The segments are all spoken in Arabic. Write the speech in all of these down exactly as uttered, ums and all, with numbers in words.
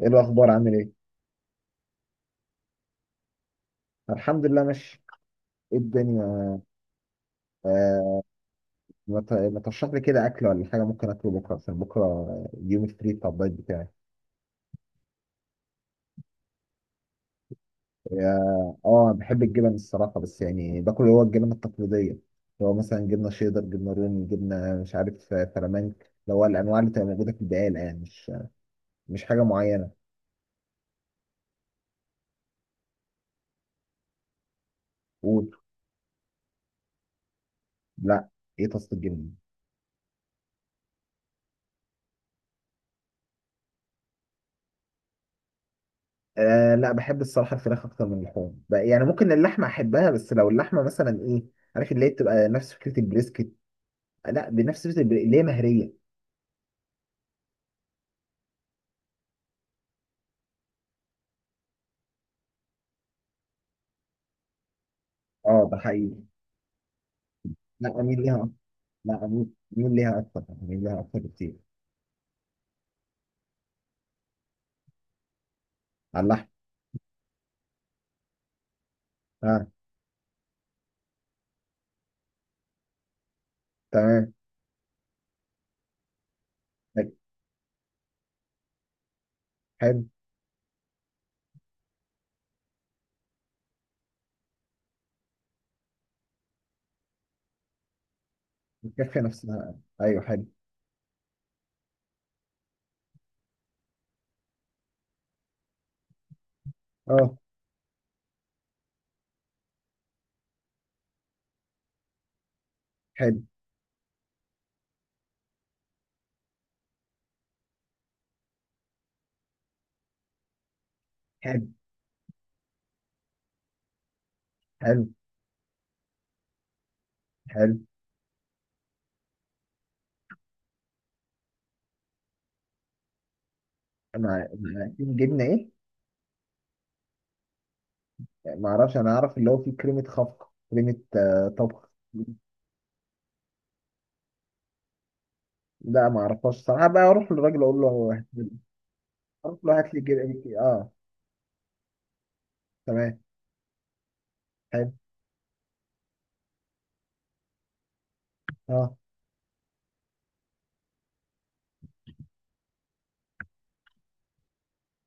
ايه الاخبار، عامل ايه؟ الحمد لله ماشي. ايه الدنيا؟ آه. ما ت- ما ترشح لي كده اكل ولا حاجه ممكن اكله بكره؟ عشان بكره يوم فري بتاع الدايت بتاعي. اه آه، بحب الجبن الصراحه، بس يعني باكل اللي هو الجبن التقليديه، اللي هو مثلا جبنه شيدر، جبنه رومي، جبنه مش عارف آه، فلامنك. اللي هو الانواع اللي تبقى موجوده في البقاله، يعني مش مش حاجه معينه. قول. لا. ايه تصل الجبنه؟ آه لا، بحب الصراحه الفراخ اكتر من اللحوم بقى- يعني ممكن اللحمه احبها، بس لو اللحمه مثلا ايه، عارف اللي هي بتبقى نفس فكره البريسكت. لا، بنفس فكرة البري- اللي هي مهرية. اه ده حقيقي. لا، أميل ليها أكتر. لا أميل. أميل ليها أكتر، أميل ليها أكتر بكتير. على اللحم. اه. تمام. حلو. حلو. الكفة نفسها. أيوه. حلو. اه. حلو. حلو. حلو. حلو. مع مع جبنة إيه؟ ما أعرفش، أنا أعرف اللي هو فيه كريمة خفق، كريمة آه طبخ. لا، ما أعرفهاش صراحة بقى، أروح للراجل أقول له هات لي- أروح له هات لي جبنة. اه. تمام. حلو. اه.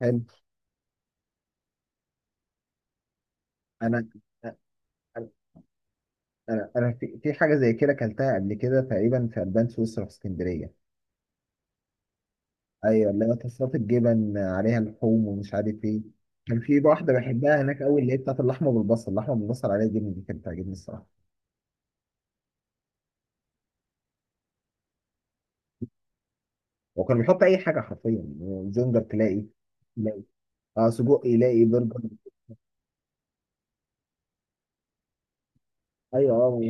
حلو. أنا انا انا في, في حاجه زي كده اكلتها قبل كده تقريبا، في البان سويسرا في اسكندريه. ايوه اللي هو تصلات الجبن عليها لحوم ومش عارف ايه. كان في واحده بحبها هناك قوي، اللي هي بتاعت اللحمه بالبصل، اللحمه بالبصل عليها جبن، دي كانت بتعجبني الصراحه. وكان بيحط اي حاجه حرفيا، زنجر تلاقي، تلاقي اه سجق، يلاقي برجر. ايوه اه.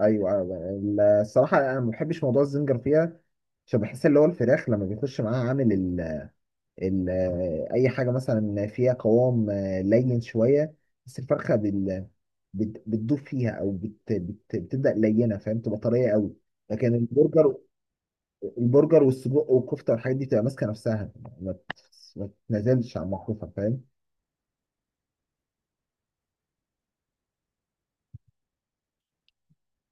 ايوه آه. الصراحه انا ما بحبش موضوع الزنجر فيها، عشان بحس اللي هو الفراخ لما بيخش معاها عامل ال- اي حاجه مثلا فيها قوام آه، لين شويه، بس الفرخه بال بت- بتدوب فيها، او بت بت بتبدا لينه فاهم، تبقى طريه قوي. لكن البرجر، البرجر والسجق والكفته والحاجات دي بتبقى ماسكه نفسها، ما بت- ما بتتنازلش عن موقفها فاهم؟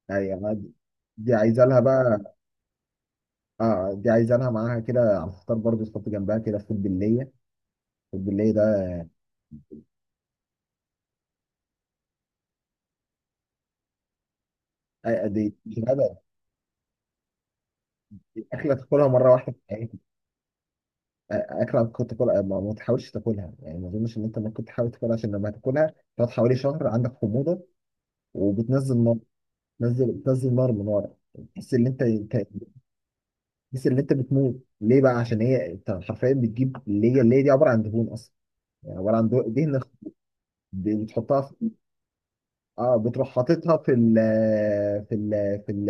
يعني دي دي عايزه لها بقى. اه دي عايزه لها معاها كده على الفطار برضه، تحط جنبها كده فول بالليه. الفول بالليه ده آه، دي مش غدا. دي اكله تاكلها مره واحده. اكره كنت تاكلها، ما, ما تحاولش تاكلها يعني، ما اظنش ان انت ممكن تحاول تاكلها، عشان لما تاكلها تقعد حوالي شهر عندك حموضه وبتنزل نار، بتنزل بتنزل نار من ورا، تحس ان انت أنت- تحس ان انت بتموت. ليه بقى؟ عشان هي انت حرفيا بتجيب اللي هي اللي هي دي عباره عن دهون اصلا، يعني عباره عن دهون دهن بتحطها، اه بتروح حاططها في ال في ال في ال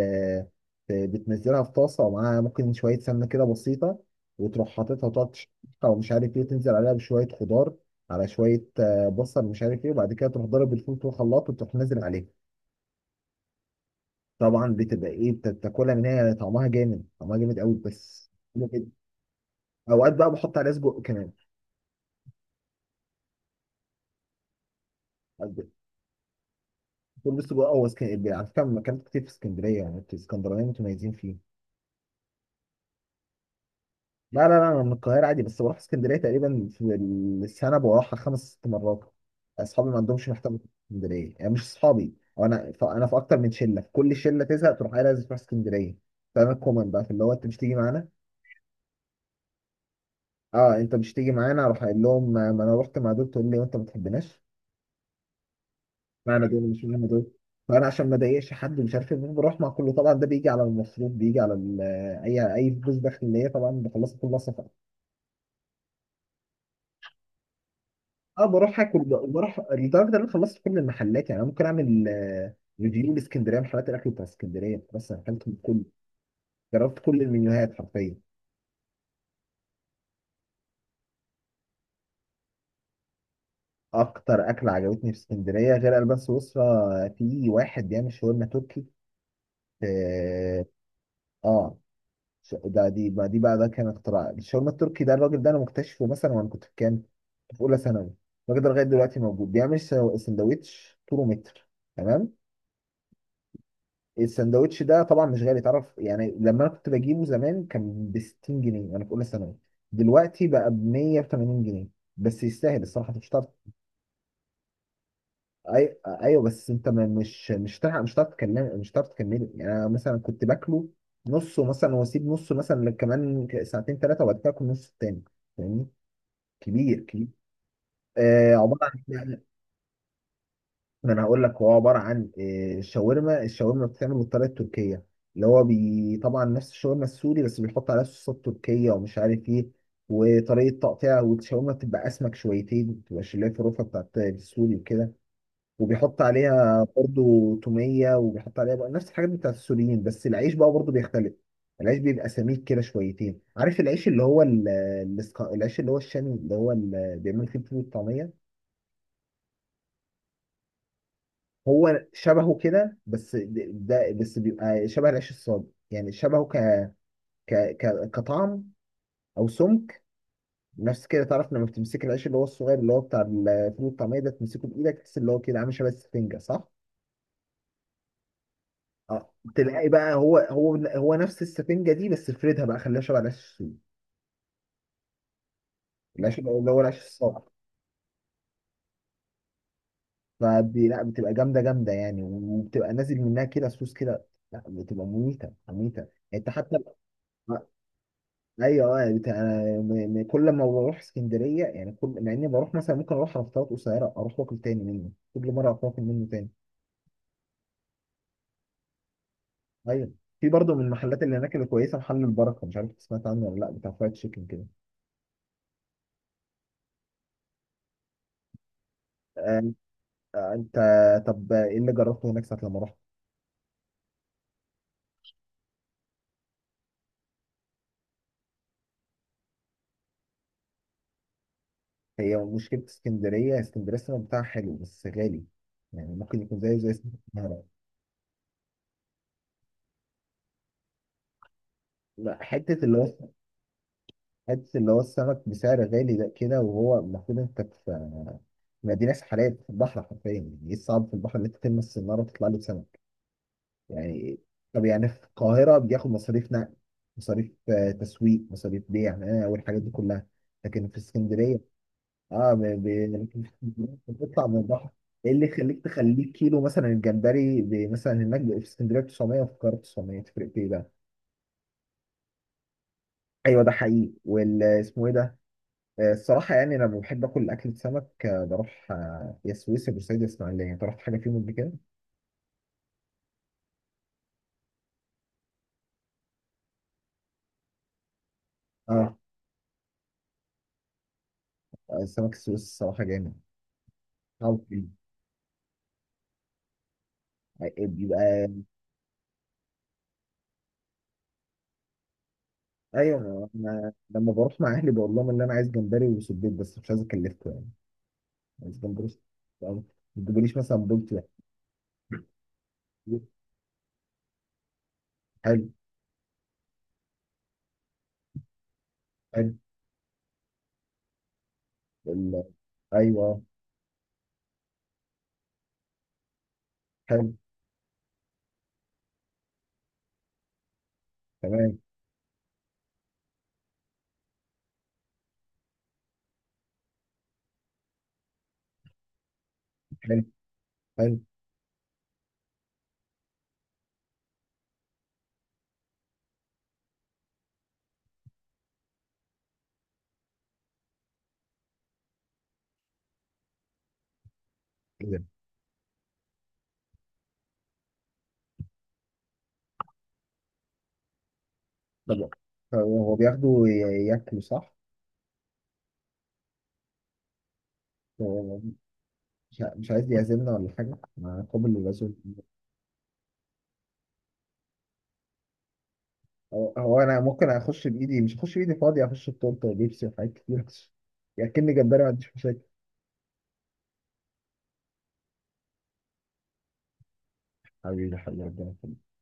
في- بتنزلها في طاسه ومعاها ممكن شويه سمنه كده بسيطه، وتروح حاططها وتقعد تشوحها ومش عارف ايه، تنزل عليها بشويه خضار، على شويه آه، بصل مش عارف ايه، وبعد كده تروح ضارب الفول في الخلاط وتروح نازل عليها. طبعا بتبقى ايه بت- بتاكلها، من هي طعمها جامد، طعمها جامد قوي بس حلو جدا. اوقات بقى بحط عليها سجق كمان. بقول السجق هو اسك- على فكره أنا اكلت كتير في اسكندريه، يعني انتوا الاسكندرانيين متميزين فيه. لا، لا، لا، انا من القاهره عادي، بس بروح اسكندريه تقريبا في السنه بروحها خمس ست مرات. اصحابي ما عندهمش محتوى في اسكندريه، يعني مش اصحابي أو انا ف- انا في اكتر من شله، في كل شله تزهق تروح قايل لازم تروح اسكندريه، فانا الكومن بقى في اللي هو انت مش تيجي معانا. اه انت مش تيجي معانا، اروح قايل لهم ما ما انا رحت مع دول، تقول لي وانت ما تحبناش، ما انا دول مش مهم دول، فانا عشان ما اضايقش حد مش عارف ايه بروح مع كله، طبعا ده بيجي على المصروف، بيجي على ال- اي اي فلوس داخليه طبعا بخلصها كلها سفر. اه بروح اكل، وبروح لدرجه ان انا خلصت كل المحلات، يعني انا ممكن اعمل آه، ريفيو لاسكندريه، محلات الاكل بتاع اسكندريه، بس أنا اكلت من كل، جربت كل المنيوهات حرفيا. اكتر اكل عجبتني في اسكندريه غير البان سويسرا، في واحد بيعمل شاورما تركي. اه آه، ش- ده دي بقى دي بقى ده كان اختراع الشاورما التركي ده، الراجل ده انا مكتشفه مثلا وانا كنت في كام، كنت في اولى ثانوي. الراجل ده لغايه دلوقتي موجود، بيعمل سا- سندوتش طوله متر. تمام. السندوتش ده طبعا مش غالي، تعرف يعني لما انا كنت بجيبه زمان كان ب ستين جنيه، انا في اولى ثانوي، دلوقتي بقى ب مئة وثمانين جنيه، بس يستاهل الصراحه. أنت مش هتعرف أي... ايوه بس انت ما- مش مش هتعرف، مش هتعرف تكلم، مش هتعرف تكمله، يعني انا مثلا كنت باكله نصه مثلا، واسيب نصه مثلا كمان ساعتين ثلاثه، وبعد كده اكل نص التاني، فاهمني؟ كبير كبير. آه عباره عن، ما انا هقول لك، هو عباره عن آه، الشاورما الشاورما بتتعمل بالطريقه التركيه، اللي هو بي... طبعا نفس الشاورما السوري، بس بيحط عليها صوصات تركيه ومش عارف ايه، وطريقه تقطيع، والشاورما بتبقى اسمك شويتين، ما بتبقاش اللي هي في الرفه بتاعت السوري وكده، وبيحط عليها برضو توميه، وبيحط عليها بقى نفس الحاجات بتاعت السوريين، بس العيش بقى برضو بيختلف، العيش بيبقى سميك كده شويتين. عارف العيش اللي هو ال... الاسك- العيش اللي هو الشامي، اللي هو اللي بيعمل فيه الفول والطعميه. هو شبهه كده، بس د- ده بس بيبقى شبه العيش الصاج، يعني شبهه ك ك ك كطعم او سمك، نفس كده تعرف لما بتمسك العيش اللي هو الصغير، اللي هو بتاع الفول الطعميه ده، تمسكه بايدك تحس اللي هو كده عامل شبه السفنجه صح؟ اه تلاقي بقى هو هو هو نفس السفنجه دي، بس فردها بقى خليها شبه العيش السوري. العيش اللي هو اللي هو العيش الصاج. فبي لا بتبقى جامده جامده يعني، وبتبقى نازل منها كده صوص كده، لا بتبقى مميته مميته يعني انت حتى. ايوه آه، يعني بتاع- أنا م- م- كل ما بروح اسكندريه، يعني كل مع اني بروح مثلا ممكن اروح على فترات قصيره، اروح واكل تاني منه، كل مره اروح واكل منه تاني. ايوه في برضه من المحلات اللي هناك اللي كويسه محل البركه، مش عارف إنت سمعت عنه ولا لا، بتاع فرايد تشيكن كده. آه، آه، انت. طب ايه اللي جربته هناك ساعه لما رحت؟ هي مشكله اسكندريه، اسكندريه السمك بتاعها حلو بس غالي، يعني ممكن يكون زيه زي اسكندريه القاهرة. لا، حته اللي هو حته اللي هو السمك بسعر غالي ده كده، وهو المفروض انت في، ما دي ناس حالات في البحر حرفيا، يعني ايه الصعب في البحر ان انت تلمس السناره وتطلع له سمك يعني. طب يعني في القاهره بياخد مصاريف نقل، مصاريف آه، تسويق، مصاريف بيع آه والحاجات دي كلها، لكن في اسكندريه، اه ب- ب- لكن في اسكندرية أنت بتطلع من البحر. ايه اللي يخليك تخليك كيلو مثلا الجمبري ب- مثلا هناك في اسكندريه تسعمية، وفي القاهره تسعمية، تفرق في ايه بقى؟ ايوه ده حقيقي. والاسمه ايه ده؟ آه، الصراحه يعني انا لما بحب اكل اكل سمك آه، بروح آه، يا سويسرا بورسعيد يا اسماعيليه، انت رحت حاجه فيهم قبل كده؟ اه السمك السويس الصراحة جامد، عارفين. بيبقى ايوه انا لما بروح مع اهلي بقول لهم ان انا عايز جمبري وسبيط، بس مش عايز اكلفكم يعني، عايز جمبري وسبيط. ما تجيبوليش مثلا بولتي. حلو. حلو. ال- ايوه. حلو. تمام. حلو. حلو كده. طب هو بياخده ي- ياكله صح؟ هو مش ع- مش عايز يعزمنا ولا حاجة؟ مع قابل للعزوم. هو هو انا ممكن اخش بايدي، مش اخش بايدي فاضية، اخش بطولة لبسي وحاجات كتير. ياكلني جمبري ما عنديش مشاكل. حبيبي حبيبي ربنا يخليك.